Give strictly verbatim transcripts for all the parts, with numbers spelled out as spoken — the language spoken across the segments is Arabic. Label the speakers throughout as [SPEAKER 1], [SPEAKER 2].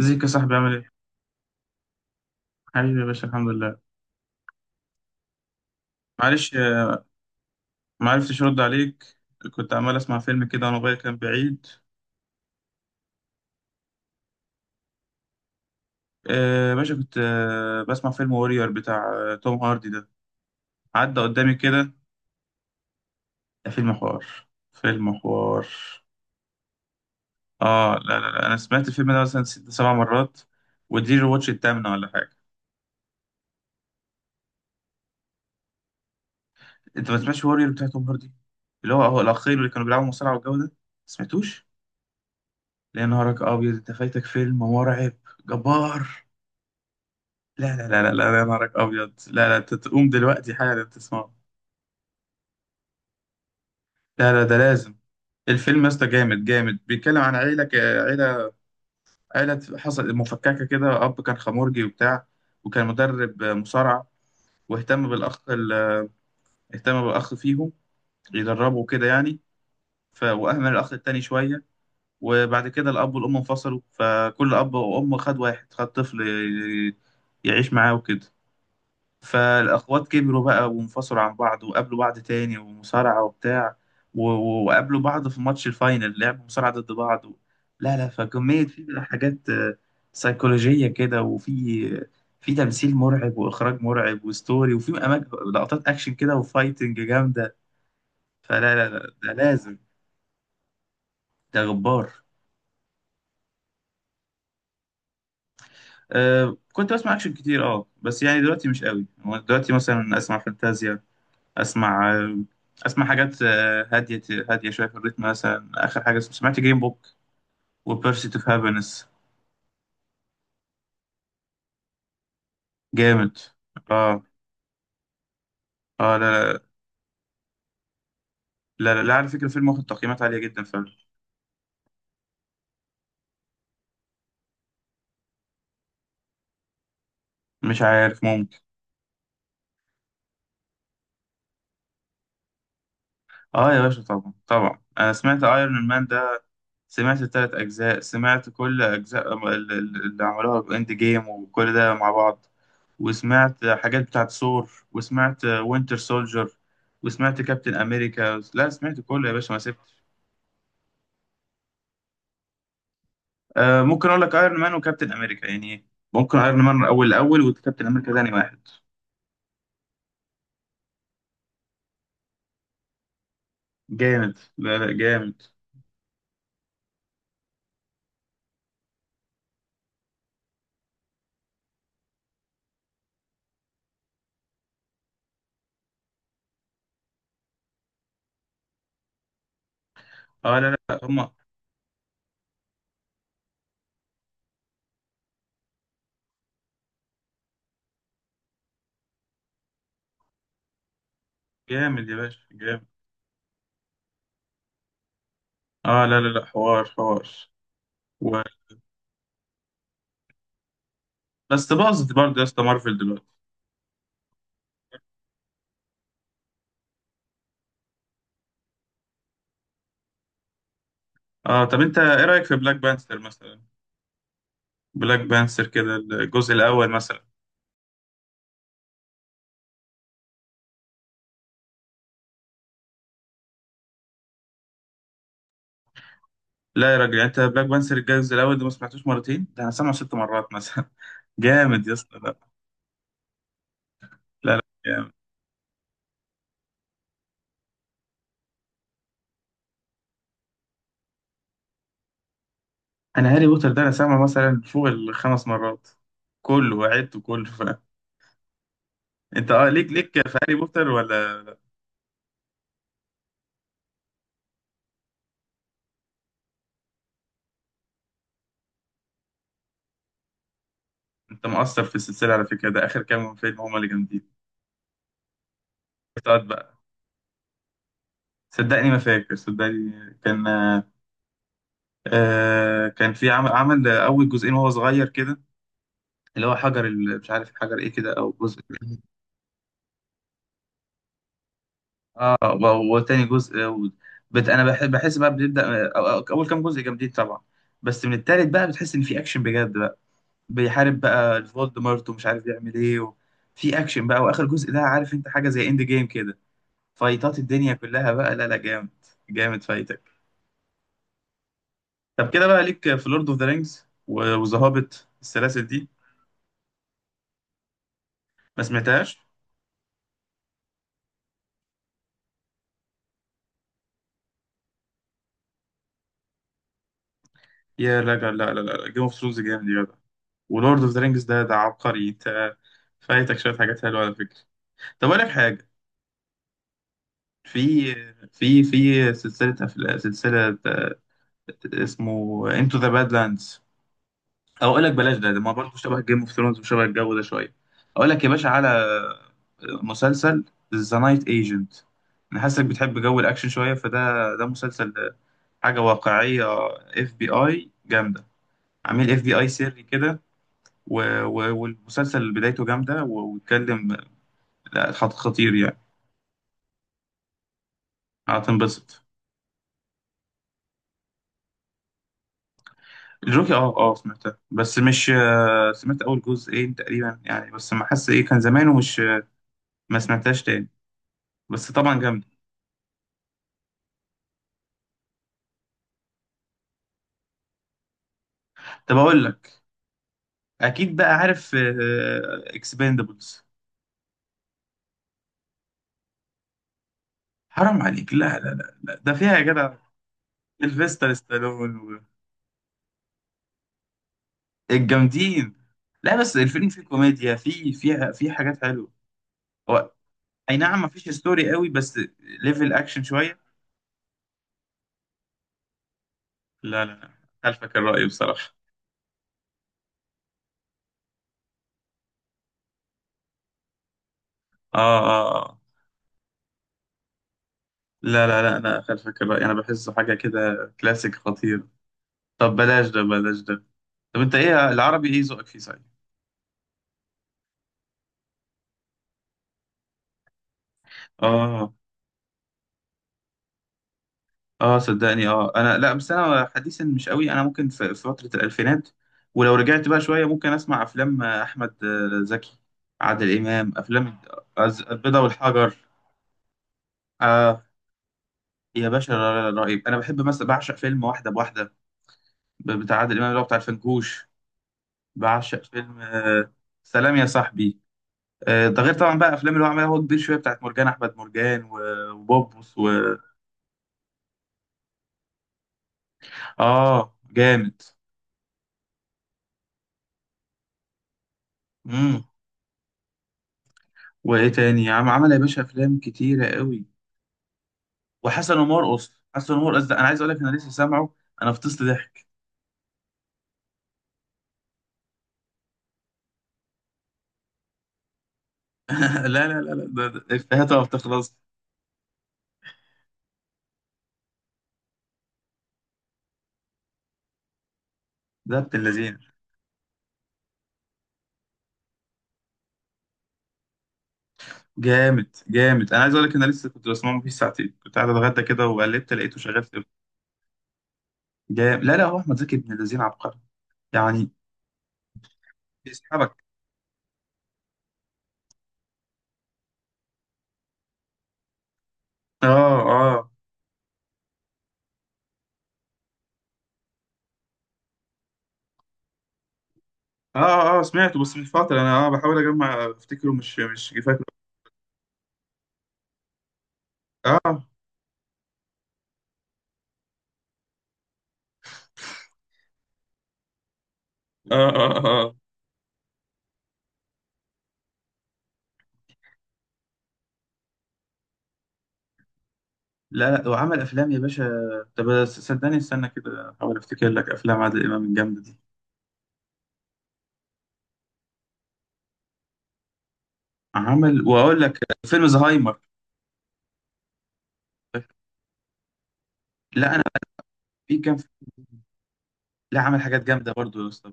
[SPEAKER 1] ازيك يا صاحبي، عامل ايه؟ حبيبي يا باشا، الحمد لله. معلش، آه، ما عرفتش ارد عليك. كنت عمال اسمع فيلم كده وانا موبايلي كان بعيد. آه، يا باشا، كنت آه، بسمع فيلم وورير بتاع آه، توم هاردي ده، عدى قدامي كده. ده فيلم حوار، فيلم حوار. اه لا لا لا، انا سمعت الفيلم ده مثلا ست سبع مرات، ودي الواتش التامنة ولا حاجة. انت ما سمعتش وورير بتاع توم هاردي؟ اللي هو هو الاخير، اللي كانوا بيلعبوا مصارعة والجو ده، ما سمعتوش؟ يا نهارك ابيض، انت فايتك فيلم مرعب جبار. لا لا لا لا لا، يا نهارك ابيض، لا لا، انت تقوم دلوقتي حالا تسمعه. لا لا، ده لازم. الفيلم يا اسطى جامد جامد، بيتكلم عن عيله. ك- عيله عيله حصل مفككه كده. اب كان خمرجي وبتاع، وكان مدرب مصارعه. واهتم بالاخ ال- اهتم بالاخ فيهم، يدربه كده يعني. ف واهمل الاخ التاني شويه. وبعد كده الاب والام انفصلوا، فكل اب وام خد واحد، خد طفل ي- يعيش معاه وكده. فالأخوات كبروا بقى وانفصلوا عن بعض، وقابلوا بعض تاني، ومصارعة وبتاع. و- و- وقابلوا بعض في ماتش الفاينل، لعبوا مصارعة ضد بعض. و... لا لا، فكمية في بقى حاجات آه، سيكولوجية كده، وفي في تمثيل مرعب وإخراج مرعب وستوري، وفي أماكن، لقطات أكشن كده وفايتنج جامدة. فلا لا لا، ده لازم. ده غبار. أه، كنت بسمع أكشن كتير، أه بس يعني دلوقتي مش قوي، هو دلوقتي مثلا أسمع فانتازيا. اسمع اسمع حاجات آه، هاديه، هاديه شويه في الريتم. مثلا اخر حاجه سمعت جيم بوك وبيرسيت اوف هابينس. جامد. اه اه لا لا لا، لا، لا، على فكره فيلم واخد تقييمات عاليه جدا فمش عارف. ممكن. اه يا باشا، طبعا طبعا، انا سمعت ايرون مان ده، سمعت الثلاث اجزاء، سمعت كل اجزاء ال- ال- ال- اللي عملوها باند جيم وكل ده مع بعض، وسمعت حاجات بتاعت ثور، وسمعت وينتر سولجر، وسمعت كابتن امريكا. لا، سمعت كله يا باشا، ما سبت. آه، ممكن اقول لك ايرون مان وكابتن امريكا يعني، ممكن ايرون مان اول الاول وكابتن امريكا ثاني واحد. جامد، لا لا جامد. اه لا لا هما. جامد يا باشا جامد. اه لا لا لا، حوار حوار. و... بس باظت برضه يا اسطى، مارفل دلوقتي. اه، طب انت ايه رايك في بلاك بانثر مثلا؟ بلاك بانثر كده الجزء الاول مثلا. لا يا راجل، انت بلاك بانثر الجزء الاول ده ما سمعتوش مرتين، ده انا سامعه ست مرات مثلا جامد يا اسطى، لا. لا لا، انا هاري بوتر ده انا سامعه مثلا فوق الخمس مرات، كله وعدته كله. ف... انت اه ليك ليك في هاري بوتر ولا؟ انت مقصر في السلسله على فكره، ده اخر كام فيلم هما اللي جامدين، بتقعد بقى. صدقني ما فاكر، صدقني كان. آه كان في عمل عمل اول جزئين وهو صغير كده، اللي هو حجر ال- مش عارف حجر ايه كده، او جزء. اه، و- وتاني جزء، و- بت... انا بح- بحس بقى بنبدا. أو- أو- اول كام جزء جامدين طبعا، بس من التالت بقى بتحس ان في اكشن بجد. بيحارب بقى فولدمورت ومش عارف يعمل ايه. و... في اكشن بقى، واخر جزء ده عارف انت حاجه زي اند جيم كده، فايتات الدنيا كلها بقى. لا لا جامد، جامد فايتك. طب كده بقى ليك في لورد اوف ذا رينجز وذا هوبيت السلاسل دي؟ ما سمعتهاش. يا لا لا لا لا، جيم اوف ثرونز جامد يا جدع، ولورد اوف ذا رينجز ده ده عبقري، انت فايتك شويه حاجات حلوه على فكره. طب اقول لك حاجه، في في في سلسله أفلا- سلسله آه، اسمه انتو ذا بادلاندز. او اقول لك بلاش ده، ده ما برضه شبه جيم اوف ثرونز وشبه الجو ده شويه. اقول لك يا باشا على مسلسل ذا نايت ايجنت. انا حاسسك بتحب جو الاكشن شويه، فده ده مسلسل، حاجه واقعيه. اف بي اي جامده، عميل اف بي اي سري كده. و... و... والمسلسل بدايته جامده، و- واتكلم، لا خط- خطير يعني. هتنبسط. الجوكي اه اه سمعتها بس مش آه، سمعت اول جزئين تقريبا يعني، بس ما حاسس، ايه كان زمان ومش آه، ما سمعتهاش تاني، بس طبعا جامده. طب اقول لك، اكيد بقى عارف اكسباندبلز. حرام عليك، لا لا لا، لا، ده فيها يا جدع سيلفستر ستالون، و- الجامدين. لا بس الفيلم فيه كوميديا، فيه فيها فيه حاجات حلوه. هو اي نعم مفيش ستوري قوي، بس ليفل اكشن شويه. لا لا لا، خلفك الرأي بصراحه. اه اه آه. لا لا لا، انا خلفك الرأي، انا بحسه حاجه كده كلاسيك خطير. طب بلاش ده، بلاش ده. طب انت ايه العربي، ايه ذوقك فيه صحيح؟ اه اه، صدقني، اه انا لا، بس انا حديثا مش قوي، انا ممكن في في فترة الالفينات، ولو رجعت بقى شوية ممكن اسمع افلام احمد زكي، عادل امام. افلام الز- البيضة والحجر، آه يا باشا، ر- ر- رهيب. انا بحب مثلا، بعشق فيلم واحدة بواحدة، ب- بتاع عادل امام اللي هو بتاع الفنكوش. بعشق فيلم آه سلام يا صاحبي. آه ده غير طبعا بقى افلام اللي هو عملها هو كبير شوية، بتاعت مرجان احمد مرجان، و- وبوبوس و اه جامد. امم. وايه تاني عم عمل يا باشا؟ افلام كتيرة قوي. وحسن ومرقص، حسن ومرقص ده انا عايز اقول لك، انا لسه سامعه، انا فطست ضحك. لا لا لا لا، ده ده افيهاته ما بتخلص. ده ابن اللذين. جامد جامد، انا عايز اقول لك، انا لسه كنت بسمعه، فيه ساعتين كنت قاعد اتغدى كده وقلبت لقيته شغال في. جامد لا لا، هو احمد زكي ابن اللذين عبقري يعني، بيسحبك. اه اه اه اه سمعته بس من فترة، انا اه بحاول اجمع افتكره، مش مش فاكره. اه اه اه اه لا لا وعمل افلام يا باشا. طب صدقني، استنى كده احاول افتكر لك افلام عادل امام الجامدة دي. عمل، واقول لك فيلم زهايمر. لا انا، في كام فيلم. لا عمل حاجات جامده برضه يا اسطى.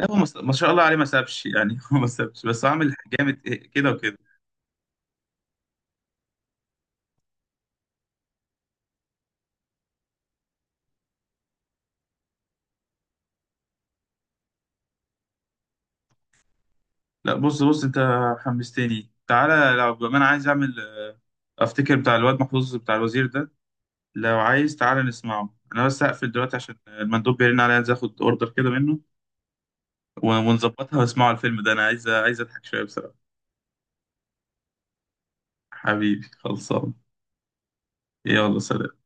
[SPEAKER 1] لا، هو ما ما شاء الله عليه، ما سابش يعني. هو ما سابش، بس هو عامل جامد، إيه، كده وكده. لا بص بص انت، حمستني، تعالى لو بما انا عايز اعمل، افتكر بتاع الواد محفوظ بتاع الوزير ده. لو عايز تعالى نسمعه، انا بس هقفل دلوقتي عشان المندوب بيرن عليا عايز اخد اوردر كده منه. و- ونظبطها، واسمعوا الفيلم ده، انا عايز عايز اضحك شويه بصراحه. حبيبي خلصان. يلا سلام.